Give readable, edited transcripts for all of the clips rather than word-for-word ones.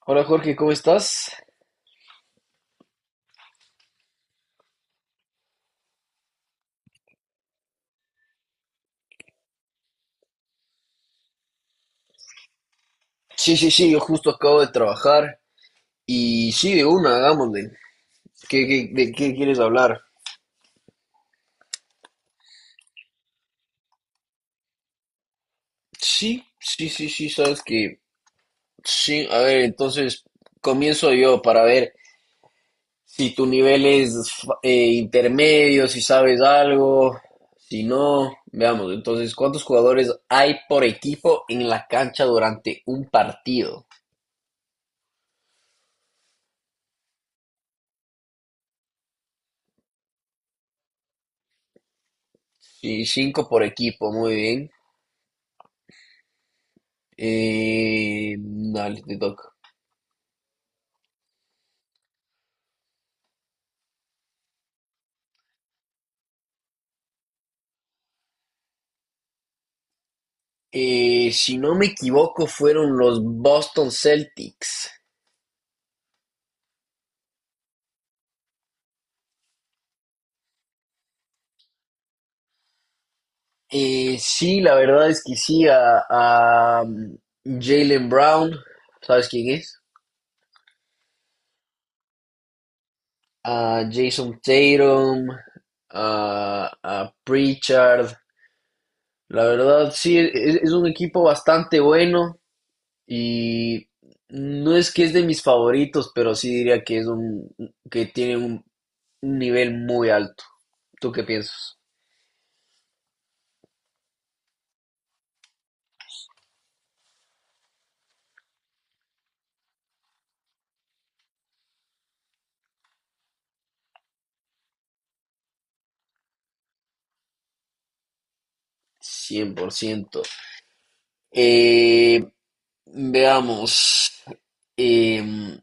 Hola Jorge, ¿cómo estás? Sí, sí, sí, yo justo acabo de trabajar y sí, de una, hagámosle. De qué quieres hablar? Sí, sí, sí, sí, sabes que sí. A ver, entonces comienzo yo para ver si tu nivel es intermedio, si sabes algo, si no, veamos. Entonces, ¿cuántos jugadores hay por equipo en la cancha durante un partido? Sí, cinco por equipo, muy bien. Dale, te toca. Si no me equivoco, fueron los Boston Celtics. Sí, la verdad es que sí, a Jalen Brown, ¿sabes quién es? A Jason Tatum, a Pritchard. La verdad, sí, es un equipo bastante bueno y no es que es de mis favoritos, pero sí diría que es un que tiene un nivel muy alto. ¿Tú qué piensas? 100%. Eh, veamos. em,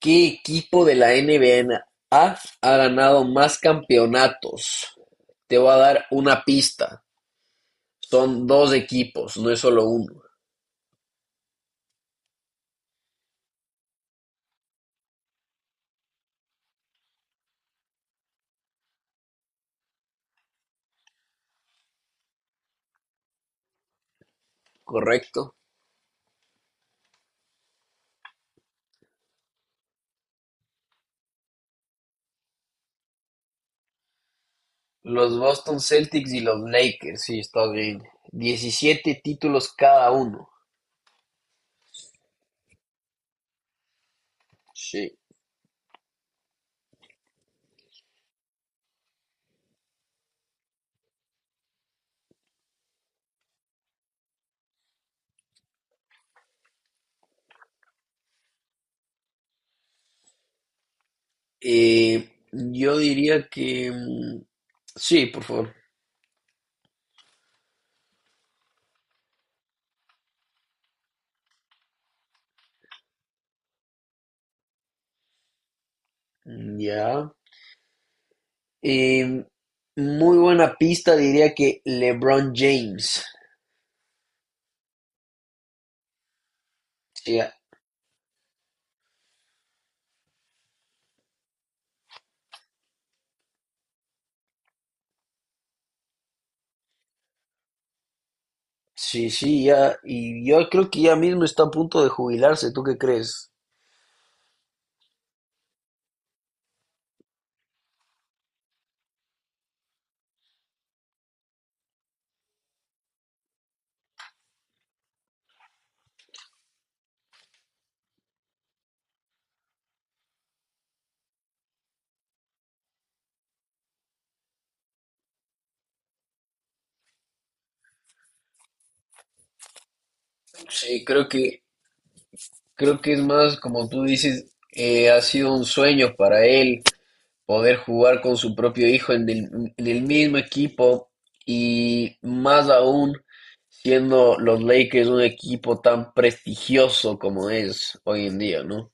¿Qué equipo de la NBA ha ganado más campeonatos? Te voy a dar una pista. Son dos equipos, no es solo uno, ¿correcto? Los Boston Celtics y los Lakers, sí, está bien. 17 títulos cada uno. Sí. Yo diría que... mm, sí, por favor. Ya. Eh, muy buena pista, diría que LeBron James. Sí, ya- sí, sí, ya. Y yo creo que ya mismo está a punto de jubilarse. ¿Tú qué crees? Sí, creo que es más, como tú dices, ha sido un sueño para él poder jugar con su propio hijo en el mismo equipo y más aún siendo los Lakers un equipo tan prestigioso como es hoy en día, ¿no?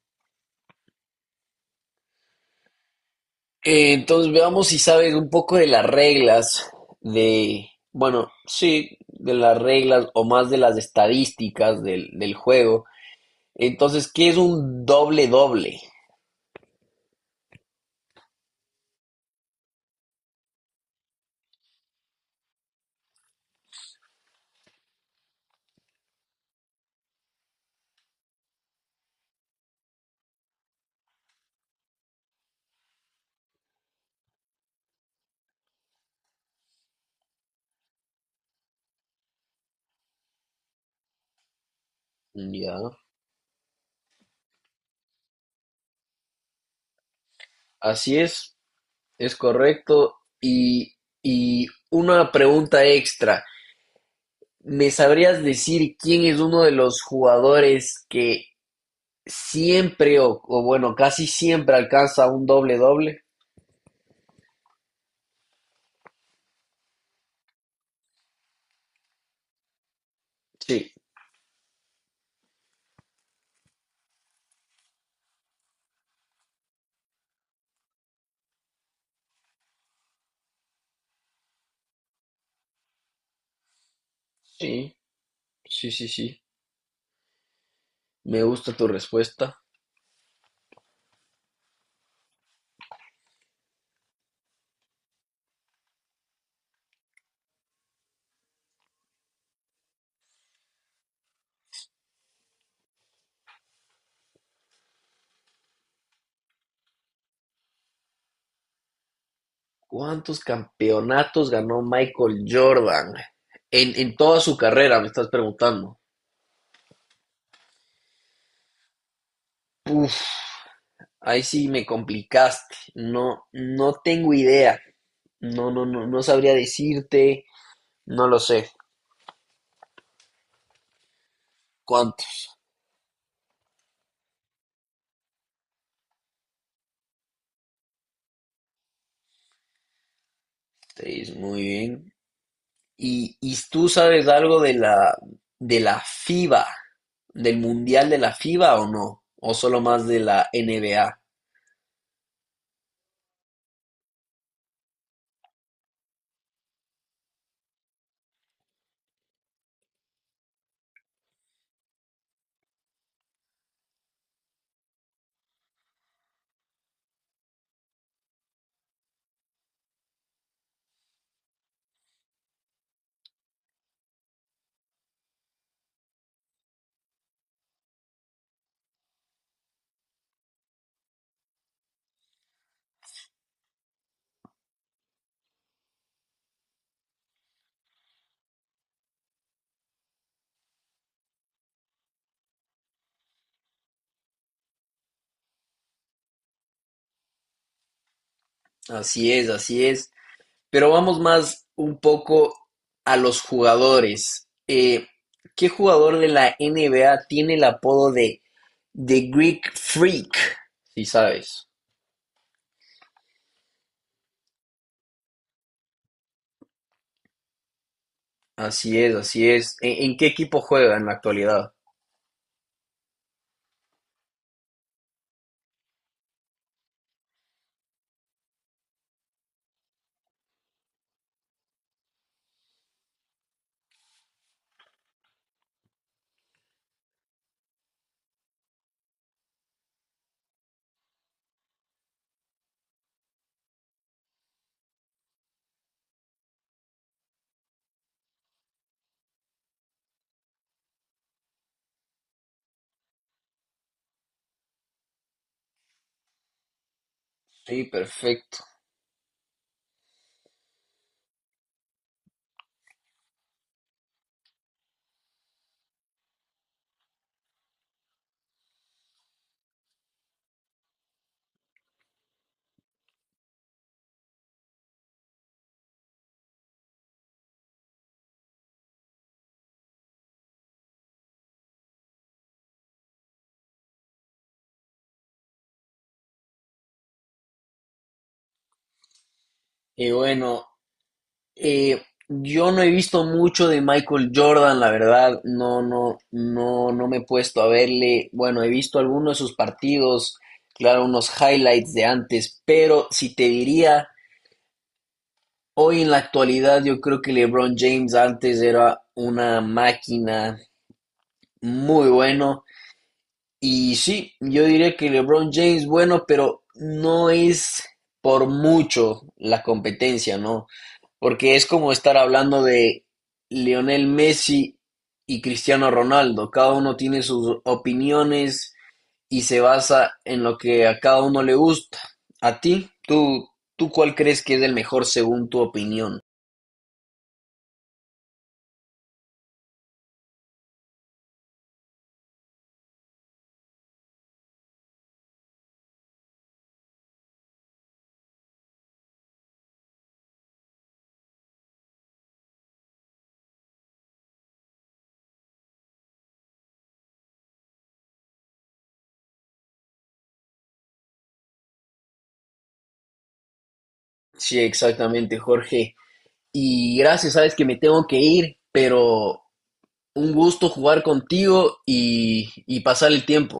Entonces veamos si sabes un poco de las reglas de, bueno, sí, de las reglas o más de las estadísticas del, del juego. Entonces, ¿qué es un doble doble? Ya, así es correcto. Y una pregunta extra. ¿Me sabrías decir quién es uno de los jugadores que siempre o bueno, casi siempre alcanza un doble doble? Sí, sí, sí, sí, sí. Me gusta tu respuesta. ¿Cuántos campeonatos ganó Michael Jordan? En toda su carrera, me estás preguntando. Uf, ahí sí me complicaste. No, no tengo idea. No, no, no, no sabría decirte. No lo sé. ¿Cuántos? Seis, muy bien. ¿Y tú sabes algo de la FIBA, del Mundial de la FIBA o no? ¿O solo más de la NBA? Así es, así es. Pero vamos más un poco a los jugadores. ¿Qué jugador de la N B A tiene el apodo de The Greek Freak? Si sabes. Así es, así es. ¿En qué equipo juega en la actualidad? Sí, perfecto. Y bueno, eh, yo no he visto mucho de Michael Jordan, la verdad. No, no, no, no me he puesto a verle. Bueno, he visto algunos de sus partidos, claro, unos highlights de antes, pero si te diría, hoy en la actualidad yo creo que LeBron James antes era una máquina, muy bueno. Y sí, yo diría que LeBron James, bueno, pero no es por mucho la competencia, ¿no? Porque es como estar hablando de Lionel Messi y Cristiano Ronaldo. Cada uno tiene sus opiniones y se basa en lo que a cada uno le gusta. A ti, tú cuál crees que es el mejor según tu opinión. Sí, exactamente, Jorge. Y gracias, sabes que me tengo que ir, pero un gusto jugar contigo y pasar el tiempo.